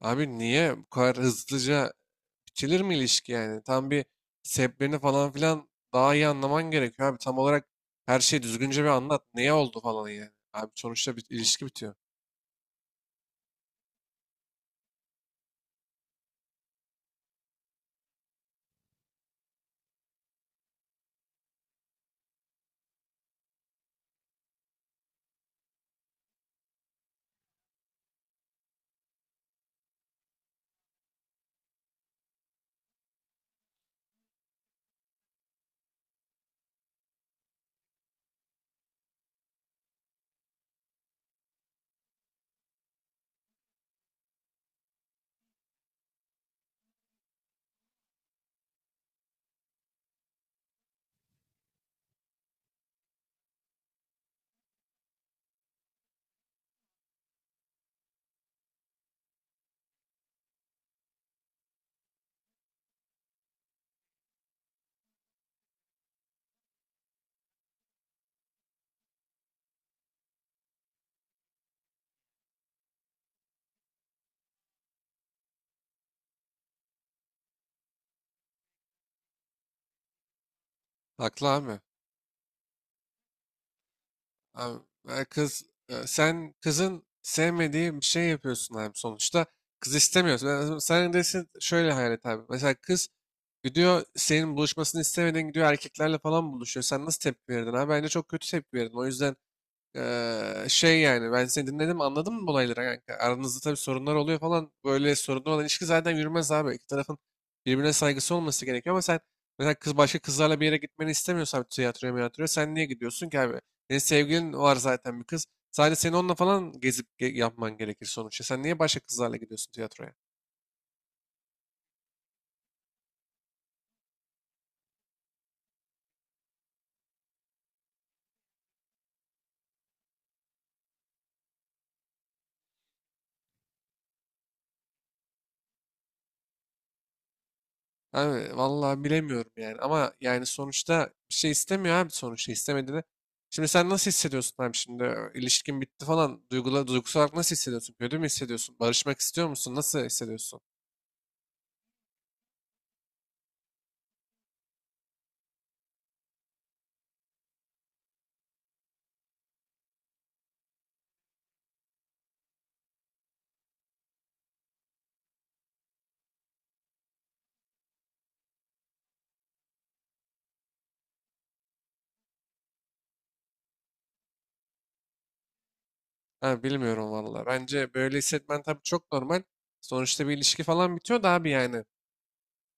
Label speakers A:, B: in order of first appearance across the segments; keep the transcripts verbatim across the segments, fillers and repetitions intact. A: Abi niye bu kadar hızlıca bitirir mi ilişki yani? Tam bir sebeplerini falan filan daha iyi anlaman gerekiyor abi. Tam olarak her şeyi düzgünce bir anlat. Neye oldu falan yani. Abi sonuçta bir ilişki bitiyor. Haklı abi. Abi e, kız e, sen kızın sevmediği bir şey yapıyorsun abi sonuçta. Kız istemiyorsun. Yani sen desin şöyle hayal et abi. Mesela kız gidiyor senin buluşmasını istemeden gidiyor erkeklerle falan buluşuyor. Sen nasıl tepki verirdin abi? Bence çok kötü tepki verirdin. O yüzden Eee, şey yani ben seni dinledim, anladım mı olayları kanka? Aranızda tabii sorunlar oluyor falan. Böyle sorunlu olan ilişki zaten yürümez abi. İki tarafın birbirine saygısı olması gerekiyor ama sen mesela kız başka kızlarla bir yere gitmeni istemiyorsan tiyatroya miyatroya sen niye gidiyorsun ki abi? Senin sevgilin var zaten bir kız. Sadece senin onunla falan gezip ge- yapman gerekir sonuçta. Sen niye başka kızlarla gidiyorsun tiyatroya? Abi vallahi bilemiyorum yani ama yani sonuçta bir şey istemiyor abi sonuçta istemediğini. Şimdi sen nasıl hissediyorsun abi şimdi Ö, ilişkin bitti falan duygula, duygusal olarak nasıl hissediyorsun? Kötü mü hissediyorsun? Barışmak istiyor musun? Nasıl hissediyorsun? Ha, bilmiyorum vallahi. Bence böyle hissetmen tabii çok normal. Sonuçta bir ilişki falan bitiyor da abi yani.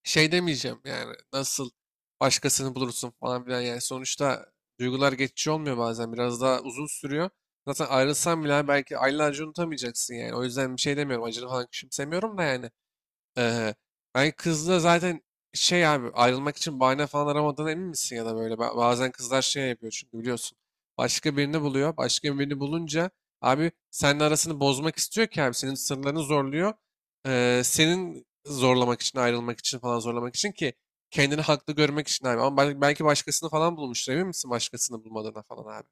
A: Şey demeyeceğim yani nasıl başkasını bulursun falan filan yani sonuçta duygular geçici olmuyor, bazen biraz daha uzun sürüyor. Zaten ayrılsan bile hani, belki aylarca unutamayacaksın yani. O yüzden bir şey demiyorum. Acını falan küçümsemiyorum da yani. Ee, ben kızla zaten şey abi ayrılmak için bahane falan aramadığına emin misin ya da böyle Ba- bazen kızlar şey yapıyor çünkü biliyorsun başka birini buluyor, başka birini bulunca abi seninle arasını bozmak istiyor ki abi senin sırlarını zorluyor. Ee, senin zorlamak için, ayrılmak için falan zorlamak için ki kendini haklı görmek için abi ama bel- belki başkasını falan bulmuştur, emin misin başkasını bulmadığına falan abi.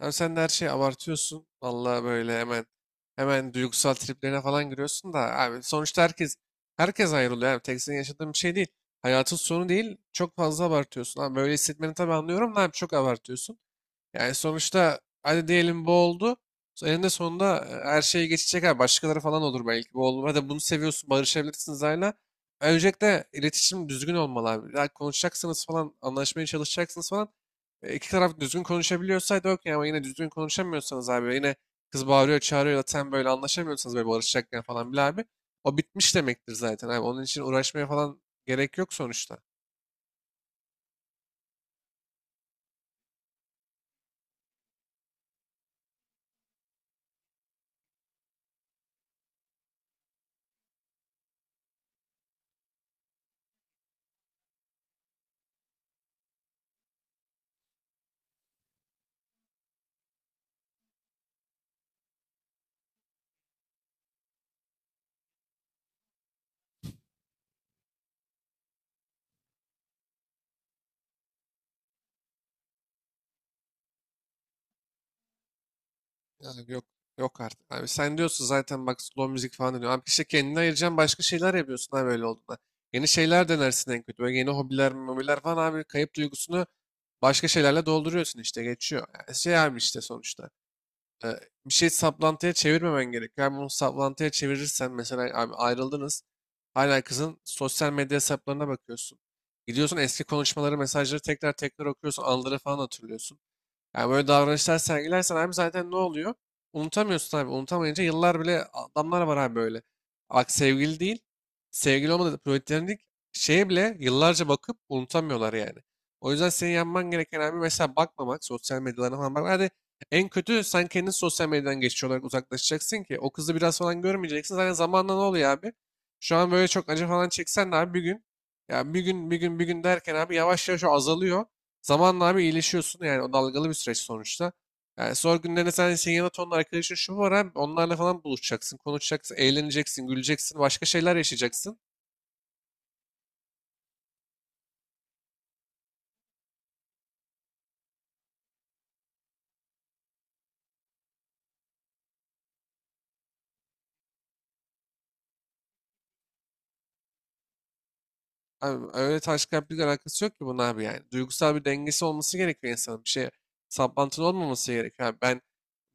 A: Abi sen de her şeyi abartıyorsun. Vallahi böyle hemen hemen duygusal triplerine falan giriyorsun da abi sonuçta herkes herkes ayrılıyor abi. Tek senin yaşadığın bir şey değil. Hayatın sonu değil. Çok fazla abartıyorsun. Abi böyle hissetmeni tabii anlıyorum da abi çok abartıyorsun. Yani sonuçta hadi diyelim bu oldu. So, eninde sonunda e, her şey geçecek. Ha, başkaları falan olur belki. Bu olur. Hadi bunu seviyorsun. Barışabilirsiniz hala. Öncelikle iletişim düzgün olmalı abi. Ya konuşacaksınız falan. Anlaşmaya çalışacaksınız falan. E, iki taraf düzgün konuşabiliyorsaydı okey ama yine düzgün konuşamıyorsanız abi. Yine kız bağırıyor çağırıyor ya da zaten böyle anlaşamıyorsanız böyle barışacakken falan bile abi. O bitmiş demektir zaten abi. Onun için uğraşmaya falan gerek yok sonuçta. Abi yok. Yok artık. Abi sen diyorsun zaten bak slow müzik falan diyor. Abi işte kendini ayıracaksın, başka şeyler yapıyorsun abi öyle olduğunda. Yeni şeyler denersin en kötü. Böyle yeni hobiler, mobiler falan abi kayıp duygusunu başka şeylerle dolduruyorsun, işte geçiyor. Yani şey abi işte sonuçta. e, Bir şey saplantıya çevirmemen gerekiyor. Yani bunu saplantıya çevirirsen mesela abi ayrıldınız. Hala kızın sosyal medya hesaplarına bakıyorsun. Gidiyorsun eski konuşmaları, mesajları tekrar tekrar okuyorsun. Anıları falan hatırlıyorsun. Yani böyle davranışlar sergilersen abi zaten ne oluyor? Unutamıyorsun abi. Unutamayınca yıllar bile adamlar var abi böyle. Bak sevgili değil. Sevgili olmadı. Platonik şeye bile yıllarca bakıp unutamıyorlar yani. O yüzden senin yapman gereken abi mesela bakmamak. Sosyal medyalarına falan bak. Hadi en kötü sen kendin sosyal medyadan geçici olarak uzaklaşacaksın ki o kızı biraz falan görmeyeceksin. Zaten zamanla ne oluyor abi? Şu an böyle çok acı falan çeksen de abi bir gün. Ya bir gün bir gün bir gün derken abi yavaş yavaş o azalıyor. Zamanla abi iyileşiyorsun yani o dalgalı bir süreç sonuçta. Yani sonra günlerinde sen senin yanında tonla arkadaşın şu var abi onlarla falan buluşacaksın, konuşacaksın, eğleneceksin, güleceksin, başka şeyler yaşayacaksın. Abi öyle taş kalplilikle alakası yok ki bunun abi yani. Duygusal bir dengesi olması gerekiyor insanın. Bir şey saplantılı olmaması gerekiyor abi. Ben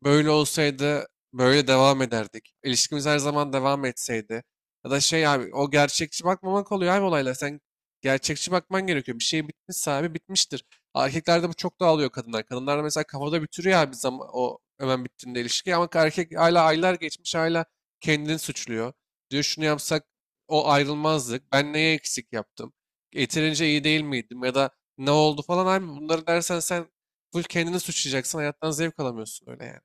A: böyle olsaydı böyle devam ederdik. İlişkimiz her zaman devam etseydi. Ya da şey abi o gerçekçi bakmamak oluyor abi olaylar. Sen gerçekçi bakman gerekiyor. Bir şey bitmişse abi bitmiştir. Erkeklerde bu çok daha oluyor, kadınlar. Kadınlar mesela kafada bitiriyor abi zaman, o hemen bittiğinde ilişki. Ama erkek hala aylar geçmiş hala kendini suçluyor. Diyor şunu yapsak o ayrılmazlık, ben neye eksik yaptım, yeterince iyi değil miydim ya da ne oldu falan abi, bunları dersen sen full kendini suçlayacaksın, hayattan zevk alamıyorsun öyle yani.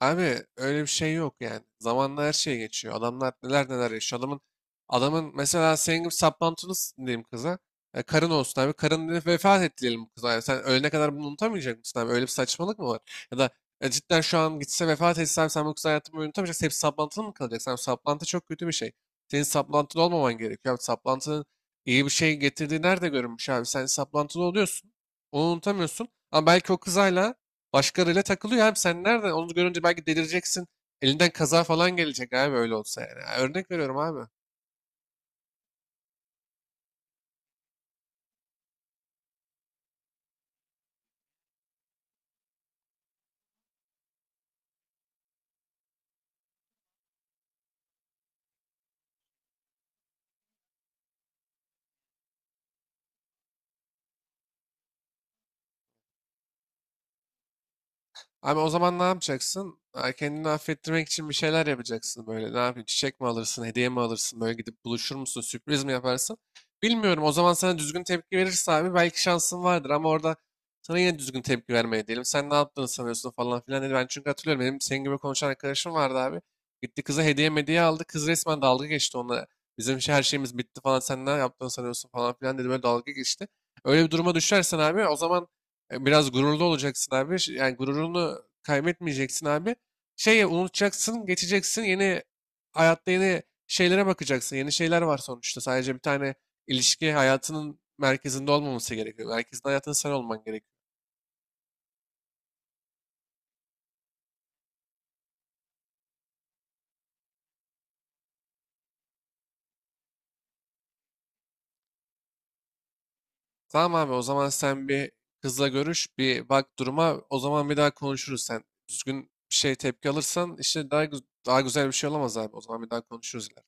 A: Abi öyle bir şey yok yani. Zamanla her şey geçiyor. Adamlar neler neler yaşıyor. Adamın, adamın mesela senin gibi saplantını s- diyeyim kıza. E, karın olsun abi. Karın dedi, vefat etti diyelim bu kıza. Yani sen ölene kadar bunu unutamayacak mısın abi? Öyle bir saçmalık mı var? Ya da e, cidden şu an gitse, vefat etse abi sen bu kızı hayatını boyu unutamayacaksın. Hep saplantılı mı kalacaksın? Abi, saplantı çok kötü bir şey. Senin saplantılı olmaman gerekiyor. Abi, saplantının iyi bir şey getirdiği nerede görünmüş abi? Sen saplantılı oluyorsun. Onu unutamıyorsun. Ama belki o kız hala başkalarıyla takılıyor abi, sen nereden? Onu görünce belki delireceksin. Elinden kaza falan gelecek abi öyle olsa yani. Örnek veriyorum abi. Abi o zaman ne yapacaksın? Ha, kendini affettirmek için bir şeyler yapacaksın böyle. Ne yapayım? Çiçek mi alırsın? Hediye mi alırsın? Böyle gidip buluşur musun? Sürpriz mi yaparsın? Bilmiyorum. O zaman sana düzgün tepki verirse abi belki şansın vardır ama orada sana yine düzgün tepki vermeye diyelim. Sen ne yaptığını sanıyorsun falan filan dedi. Ben çünkü hatırlıyorum, benim senin gibi konuşan arkadaşım vardı abi. Gitti kıza hediye hediye aldı. Kız resmen dalga geçti onunla. Bizim şey, her şeyimiz bitti falan. Sen ne yaptığını sanıyorsun falan filan dedi. Böyle dalga geçti. Öyle bir duruma düşersen abi o zaman e, biraz gururlu olacaksın abi. Ş- Yani gururunu kaybetmeyeceksin abi. Şeyi unutacaksın, geçeceksin. Yeni hayatta yeni şeylere bakacaksın. Yeni şeyler var sonuçta. Sadece bir tane ilişki hayatının merkezinde olmaması gerekiyor. Merkezinde hayatın sen olman gerekiyor. Tamam abi, o zaman sen bir kızla görüş, bir bak duruma. O zaman bir daha konuşuruz sen. Düzgün bir şey tepki alırsan işte daha gü- daha güzel bir şey olamaz abi. O zaman bir daha konuşuruz ileride.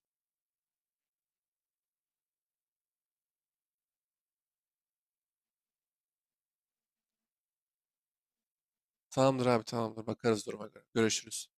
A: Tamamdır abi, tamamdır. Bakarız duruma göre. Görüşürüz.